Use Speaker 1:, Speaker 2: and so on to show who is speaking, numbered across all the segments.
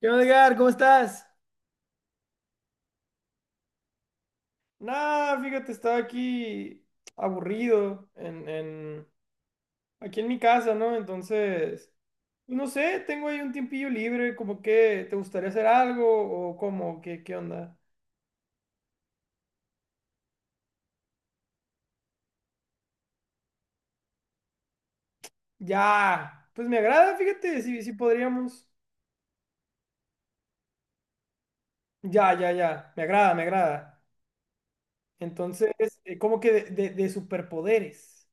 Speaker 1: ¿Qué onda, Edgar? ¿Cómo estás? Nada, fíjate, estaba aquí aburrido aquí en mi casa, ¿no? Entonces, pues, no sé, tengo ahí un tiempillo libre, como que te gustaría hacer algo o cómo, qué onda. Ya, pues me agrada, fíjate, si podríamos. Ya, ya, ya, me agrada, me agrada. Entonces, como que de superpoderes.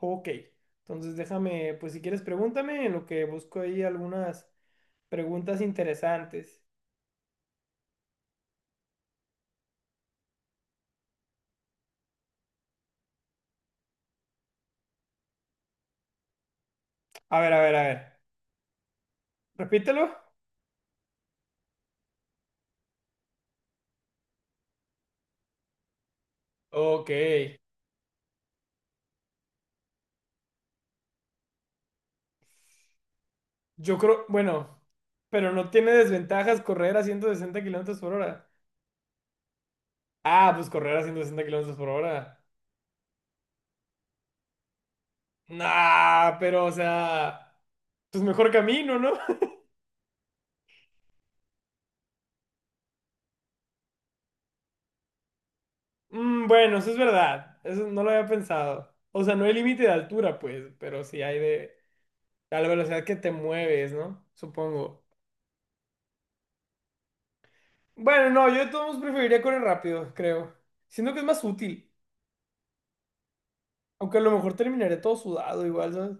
Speaker 1: Ok, entonces déjame, pues si quieres pregúntame en lo que busco ahí algunas preguntas interesantes. A ver, a ver, a ver. Repítelo. Ok. Yo creo, bueno, pero no tiene desventajas correr a 160 kilómetros por hora. Ah, pues correr a 160 kilómetros por hora. Nah, pero o sea, pues mejor camino, ¿no? Bueno, eso es verdad. Eso no lo había pensado. O sea, no hay límite de altura, pues, pero sí hay de a la velocidad que te mueves, ¿no? Supongo. Bueno, no, yo de todos modos preferiría correr rápido, creo. Siento que es más útil. Aunque a lo mejor terminaré todo sudado igual, ¿sabes?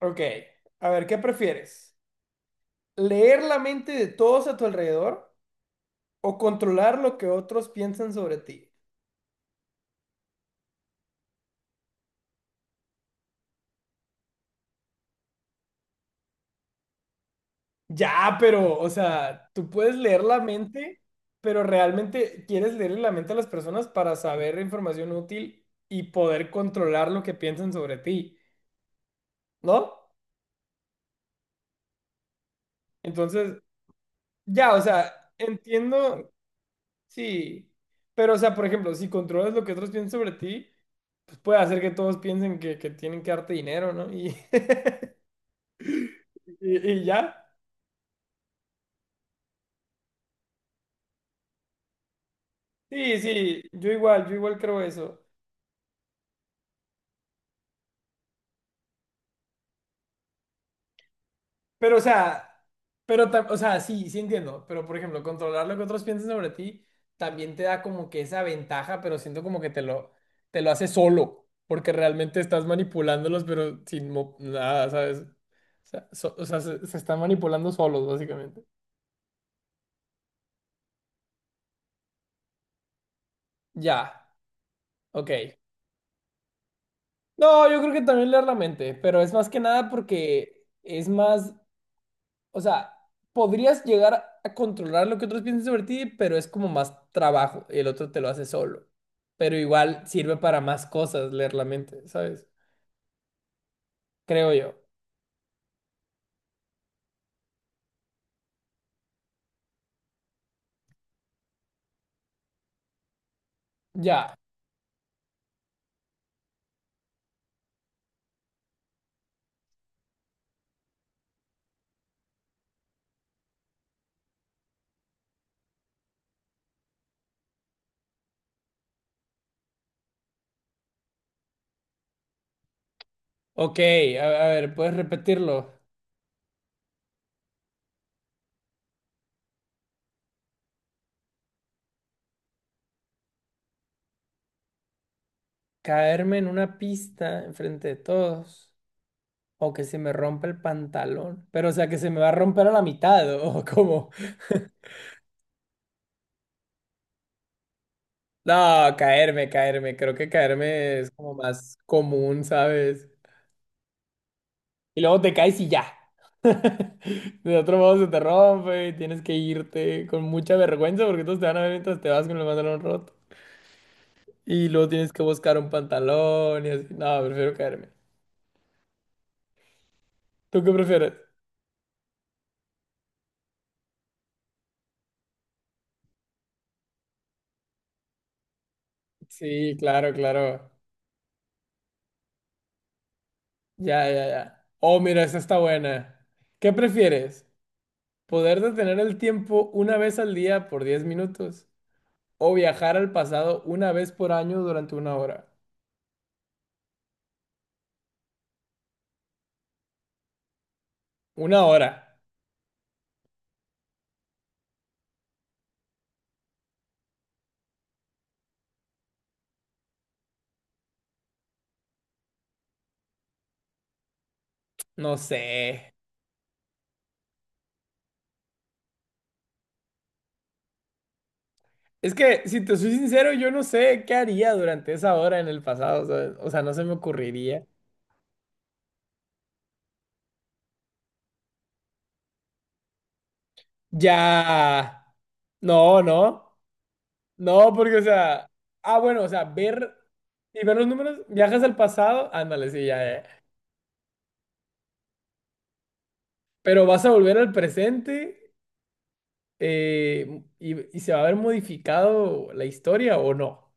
Speaker 1: Ok, a ver, ¿qué prefieres? ¿Leer la mente de todos a tu alrededor o controlar lo que otros piensan sobre ti? Ya, pero, o sea, tú puedes leer la mente, pero realmente quieres leer la mente a las personas para saber información útil y poder controlar lo que piensan sobre ti, ¿no? Entonces, ya, o sea, entiendo, sí, pero, o sea, por ejemplo, si controlas lo que otros piensan sobre ti, pues puede hacer que todos piensen que tienen que darte dinero, ¿no? Y ¿Y ya? Sí, sí, yo igual creo eso. Pero, o sea, pero, o sea, sí, sí entiendo. Pero, por ejemplo, controlar lo que otros piensan sobre ti también te da como que esa ventaja, pero siento como que te lo hace solo, porque realmente estás manipulándolos, pero sin nada, ¿sabes? O sea, o sea, se están manipulando solos, básicamente. Ya, ok. No, yo creo que también leer la mente, pero es más que nada porque es más. O sea, podrías llegar a controlar lo que otros piensan sobre ti, pero es como más trabajo y el otro te lo hace solo. Pero igual sirve para más cosas leer la mente, ¿sabes? Creo yo. Ya. Ok, a ver, puedes repetirlo. Caerme en una pista enfrente de todos. O que se me rompe el pantalón. Pero, o sea, que se me va a romper a la mitad. O como. No, caerme, caerme. Creo que caerme es como más común, ¿sabes? Y luego te caes y ya. De otro modo se te rompe y tienes que irte con mucha vergüenza porque todos te van a ver mientras te vas con el pantalón roto. Y luego tienes que buscar un pantalón y así. No, prefiero caerme. ¿Tú qué prefieres? Sí, claro, claro. Ya, ya, ya. Oh, mira, esta está buena. ¿Qué prefieres? ¿Poder detener el tiempo una vez al día por 10 minutos? ¿O viajar al pasado una vez por año durante 1 hora? 1 hora. No sé. Es que, si te soy sincero, yo no sé qué haría durante esa hora en el pasado, ¿sabes? O sea, no se me ocurriría. Ya. No, no. No, porque, o sea. Ah, bueno, o sea, ver y ver los números, viajas al pasado, ándale, sí, ya, ya. Pero vas a volver al presente y se va a haber modificado la historia o no.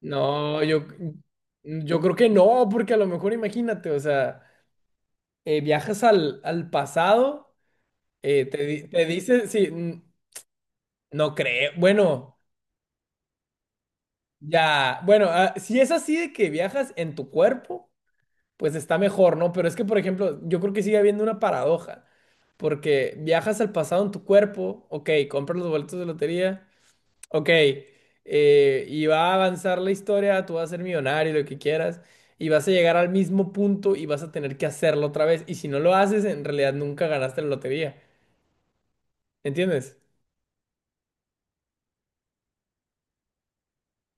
Speaker 1: No, yo creo que no, porque a lo mejor imagínate, o sea, viajas al pasado. Te dice, sí, no creo. Bueno, ya, bueno, ah, si es así de que viajas en tu cuerpo, pues está mejor, ¿no? Pero es que, por ejemplo, yo creo que sigue habiendo una paradoja, porque viajas al pasado en tu cuerpo, ok, compras los boletos de lotería, ok, y va a avanzar la historia, tú vas a ser millonario, lo que quieras, y vas a llegar al mismo punto y vas a tener que hacerlo otra vez, y si no lo haces, en realidad nunca ganaste la lotería, ¿entiendes?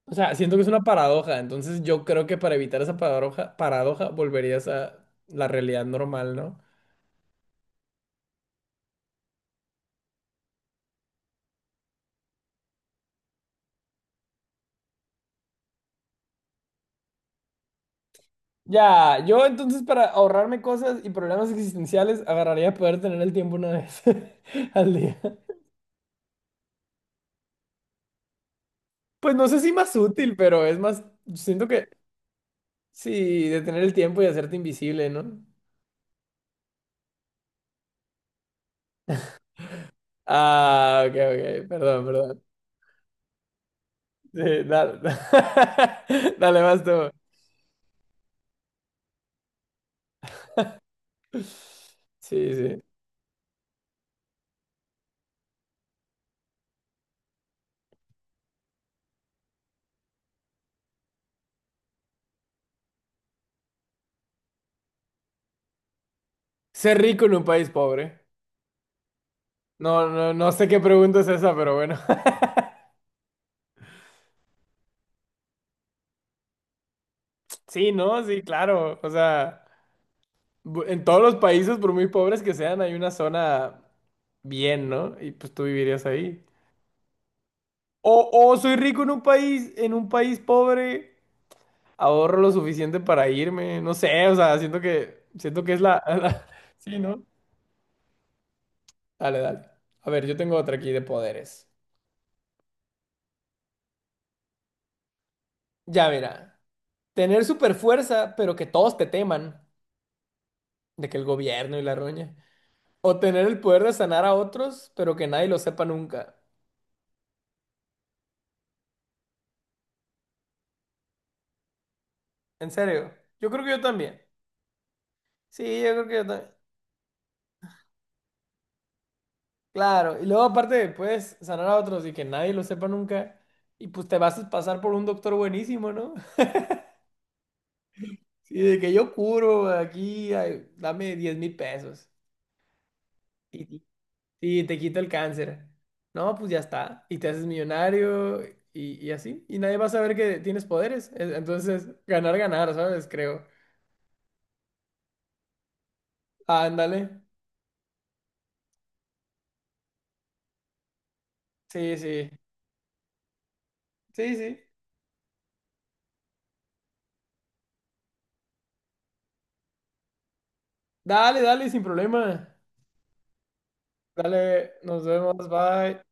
Speaker 1: O sea, siento que es una paradoja, entonces yo creo que para evitar esa paradoja volverías a la realidad normal, ¿no? Ya, yo entonces para ahorrarme cosas y problemas existenciales agarraría poder tener el tiempo una vez al día. Pues no sé si más útil, pero es más, siento que sí, de tener el tiempo y hacerte invisible, ¿no? Ah, ok, ok, perdón, perdón. Sí, dale, dale, vas tú. Sí, sí. Ser rico en un país pobre. No, no, no sé qué pregunta es esa, pero bueno. Sí, no, sí, claro. O sea, en todos los países, por muy pobres que sean, hay una zona bien, ¿no? Y pues tú vivirías ahí. O soy rico en un país pobre, ahorro lo suficiente para irme. No sé, o sea, siento que es la, la- Sí, ¿no? Dale, dale. A ver, yo tengo otra aquí de poderes. Ya, mira. Tener super fuerza, pero que todos te teman. De que el gobierno y la roña. O tener el poder de sanar a otros, pero que nadie lo sepa nunca. En serio. Yo creo que yo también. Sí, yo creo que yo también. Claro. Y luego aparte puedes sanar a otros y que nadie lo sepa nunca. Y pues te vas a pasar por un doctor buenísimo, ¿no? Sí, de que yo curo aquí, ay, dame 10,000 pesos. Y, y te quito el cáncer. No, pues ya está. Y te haces millonario y así. Y nadie va a saber que tienes poderes. Entonces, ganar, ganar, ¿sabes? Creo. Ándale. Sí, sí. Sí, sí. Dale, dale, sin problema. Dale, nos vemos, bye.